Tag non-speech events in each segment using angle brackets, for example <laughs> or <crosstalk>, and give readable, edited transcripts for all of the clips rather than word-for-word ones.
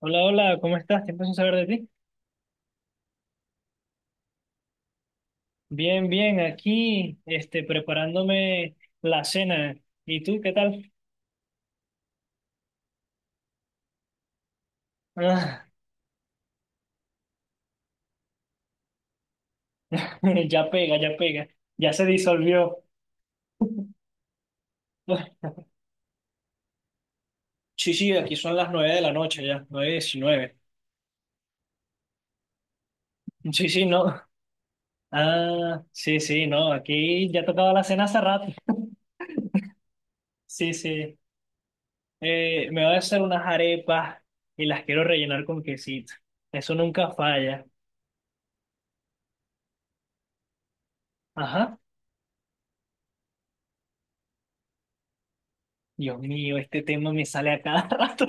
Hola, hola, ¿cómo estás? Tiempo sin saber de ti. Bien, bien, aquí, preparándome la cena. ¿Y tú qué tal? Ah, <laughs> ya pega, ya pega. Ya se disolvió. <laughs> Sí, sí, aquí son las 9 de la noche ya, 9:19. Sí, sí, no. Ah, sí, sí, no, aquí ya tocaba la cena hace rato. Sí, sí. Me voy a hacer unas arepas y las quiero rellenar con quesito. Eso nunca falla. Ajá. Dios mío, este tema me sale a cada <laughs> rato.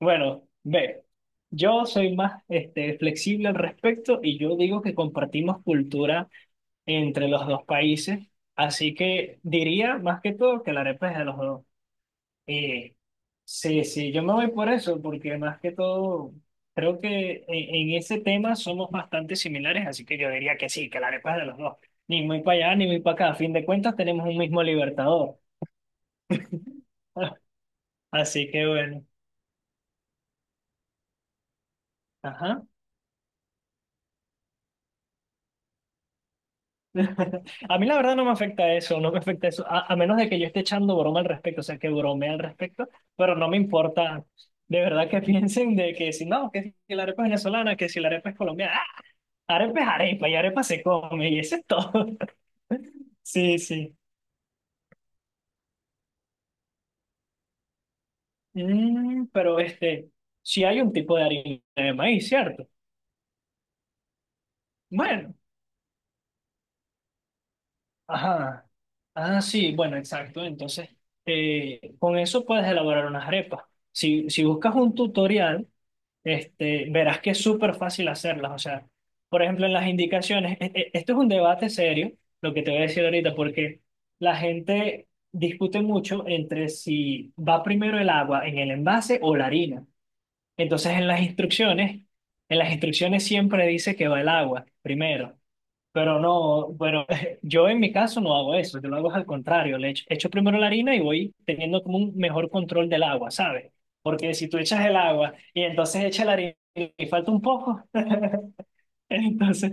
Bueno, ve, yo soy más flexible al respecto y yo digo que compartimos cultura entre los dos países, así que diría más que todo que la arepa es de los dos. Eh, sí, sí, yo me voy por eso, porque más que todo creo que en ese tema somos bastante similares, así que yo diría que sí, que la arepa es de los dos. Ni muy para allá, ni muy para acá. A fin de cuentas tenemos un mismo libertador. <laughs> Así que bueno, ajá. <laughs> A mí la verdad no me afecta eso, no me afecta eso, a menos de que yo esté echando broma al respecto, o sea, que bromee al respecto, pero no me importa de verdad que <laughs> piensen de que si no, que si la arepa es venezolana, que si la arepa es colombiana, ¡ah! Arepa es arepa y arepa se come y eso es todo. <laughs> Sí, sí. Pero si hay un tipo de harina de maíz, ¿cierto? Bueno, ajá. Ah, sí, bueno, exacto. Entonces, con eso puedes elaborar unas arepas. Si buscas un tutorial, verás que es súper fácil hacerlas. O sea, por ejemplo, en las indicaciones, esto es un debate serio, lo que te voy a decir ahorita, porque la gente discute mucho entre si va primero el agua en el envase o la harina. Entonces, en las instrucciones siempre dice que va el agua primero. Pero no, bueno, <laughs> yo en mi caso no hago eso, yo lo hago al contrario, le echo, echo primero la harina y voy teniendo como un mejor control del agua, ¿sabes? Porque si tú echas el agua y entonces echas la harina y falta un poco, <laughs> entonces,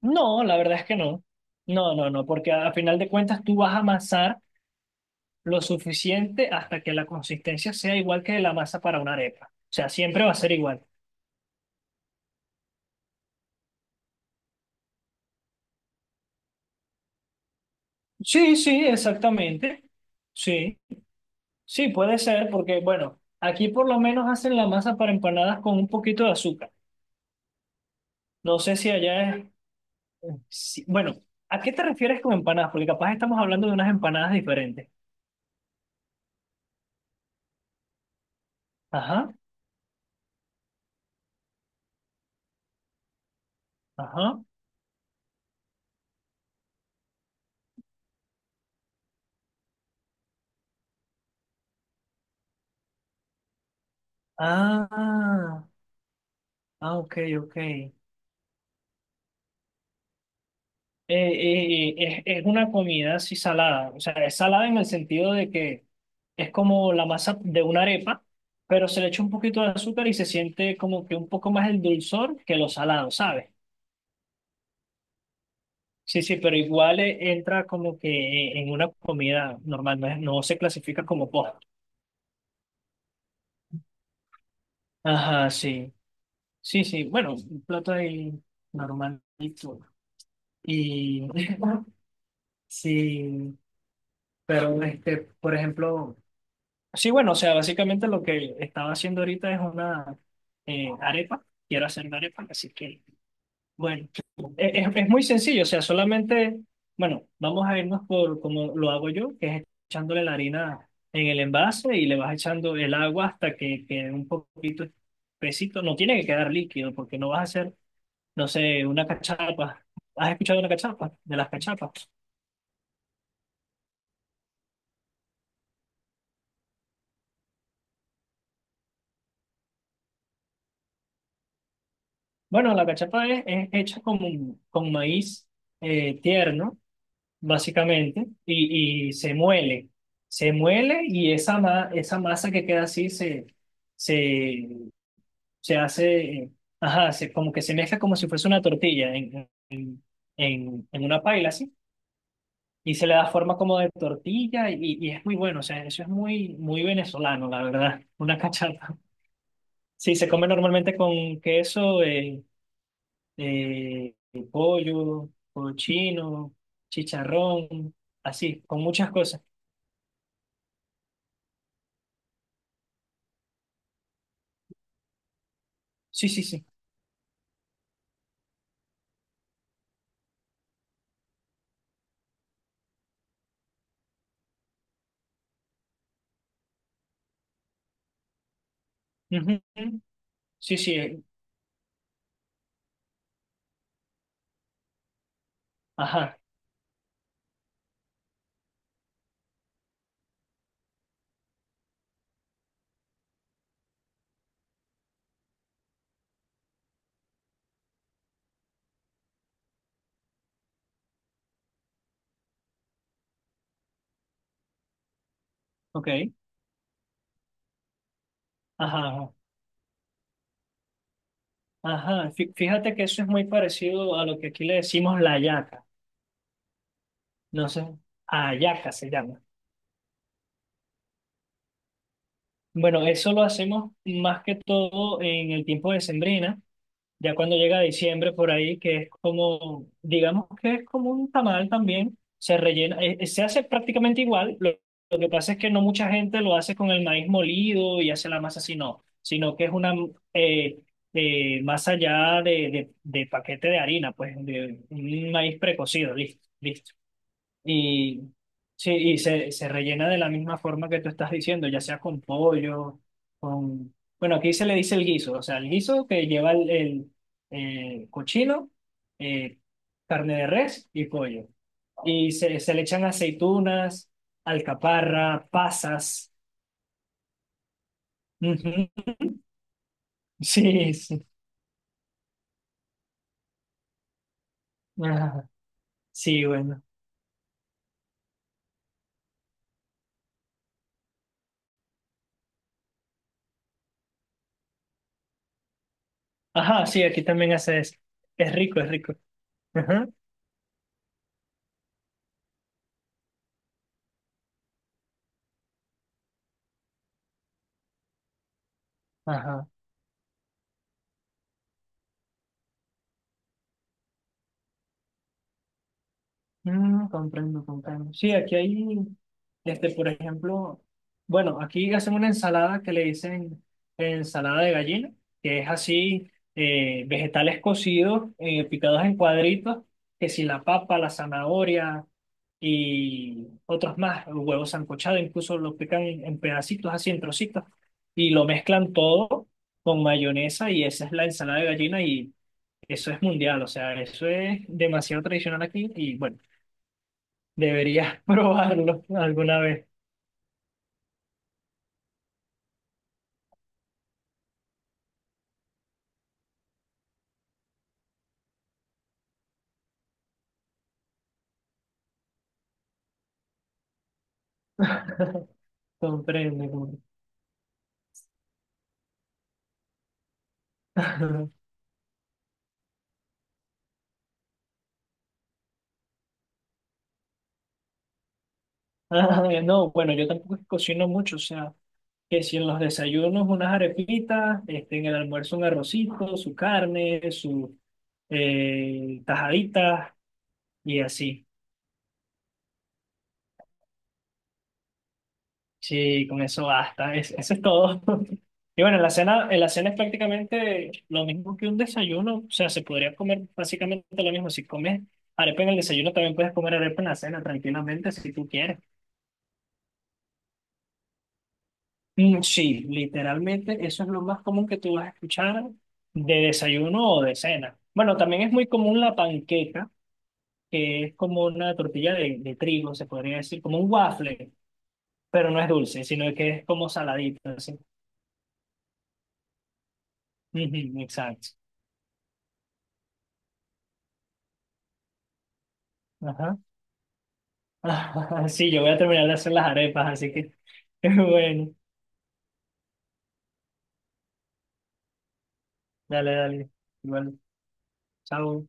no, la verdad es que no. No, no, no, porque a final de cuentas tú vas a amasar lo suficiente hasta que la consistencia sea igual que la masa para una arepa. O sea, siempre va a ser igual. Sí, sí, exactamente. Sí. Sí, puede ser, porque bueno, aquí por lo menos hacen la masa para empanadas con un poquito de azúcar. No sé si allá es... bueno, ¿a qué te refieres con empanadas? Porque capaz estamos hablando de unas empanadas diferentes. Ajá, ajá. Ah, ah, ok, ok. Es una comida así salada. O sea, es salada en el sentido de que es como la masa de una arepa, pero se le echa un poquito de azúcar y se siente como que un poco más el dulzor que lo salado, ¿sabes? Sí, sí, pero igual entra como que en una comida normal, no, no se clasifica como postre. Ajá, sí. Sí, sí, bueno, un plato ahí normalito. Y <laughs> sí, pero por ejemplo, sí, bueno, o sea, básicamente lo que estaba haciendo ahorita es una arepa. Quiero hacer una arepa, así que bueno, es muy sencillo, o sea, solamente, bueno, vamos a irnos por como lo hago yo, que es echándole la harina en el envase y le vas echando el agua hasta que quede un poquito espesito. No tiene que quedar líquido porque no vas a hacer, no sé, una cachapa. ¿Has escuchado una cachapa? De las cachapas. Bueno, la cachapa es hecha con maíz tierno básicamente, y se muele. Se muele y esa, esa masa que queda así se, se, se hace, ajá, se, como que se mezcla como si fuese una tortilla en una paila, así, y, se le da forma como de tortilla y es muy bueno, o sea, eso es muy, muy venezolano, la verdad, una <laughs> cachapa. Sí, se come normalmente con queso, eh, pollo, cochino, chicharrón, así, con muchas cosas. Sí, sí, sí. Ujú. Sí, sí. Ajá. Ok. Ajá. Ajá. Ajá. Fíjate que eso es muy parecido a lo que aquí le decimos la hallaca. No sé. Hallaca se llama. Bueno, eso lo hacemos más que todo en el tiempo de sembrina. Ya cuando llega diciembre por ahí, que es como, digamos que es como un tamal también, se rellena, se hace prácticamente igual, lo que pasa es que no mucha gente lo hace con el maíz molido y hace la masa así, no, sino que es una eh, masa ya de paquete de harina, pues de un maíz precocido, listo, listo. Y, sí, y se rellena de la misma forma que tú estás diciendo, ya sea con pollo, con... Bueno, aquí se le dice el guiso, o sea, el guiso que lleva el cochino, eh, carne de res y pollo. Y se le echan aceitunas, alcaparra, pasas. Ujú. <laughs> Sí, sí. Ajá. Sí, bueno. Ajá, sí, aquí también hace eso. Es rico, es rico. Ajá. Ajá. Comprendo, comprendo. Sí, aquí hay, por ejemplo, bueno, aquí hacen una ensalada que le dicen ensalada de gallina, que es así, vegetales cocidos, picados en cuadritos, que si la papa, la zanahoria y otros más, huevos sancochado, incluso lo pican en pedacitos, así en trocitos, y lo mezclan todo con mayonesa y esa es la ensalada de gallina y eso es mundial, o sea, eso es demasiado tradicional aquí y bueno. Deberías <laughs> probarlo alguna vez. <laughs> Comprende. Comprende. <laughs> Ah, no, bueno, yo tampoco es que cocino mucho, o sea, que si en los desayunos unas arepitas, en el almuerzo un arrocito, su carne, su tajadita y así. Sí, con eso basta, eso es todo. <laughs> Y bueno, en la cena es prácticamente lo mismo que un desayuno, o sea, se podría comer básicamente lo mismo. Si comes arepa en el desayuno, también puedes comer arepa en la cena tranquilamente si tú quieres. Mm, sí, literalmente eso es lo más común que tú vas a escuchar de desayuno o de cena. Bueno, también es muy común la panqueca, que es como una tortilla de trigo, se podría decir, como un waffle, pero no es dulce, sino que es como saladito, así. Ujú, exacto. Ajá. <laughs> Sí, yo voy a terminar de hacer las arepas, así que <laughs> bueno, dale, dale. Igual, chao.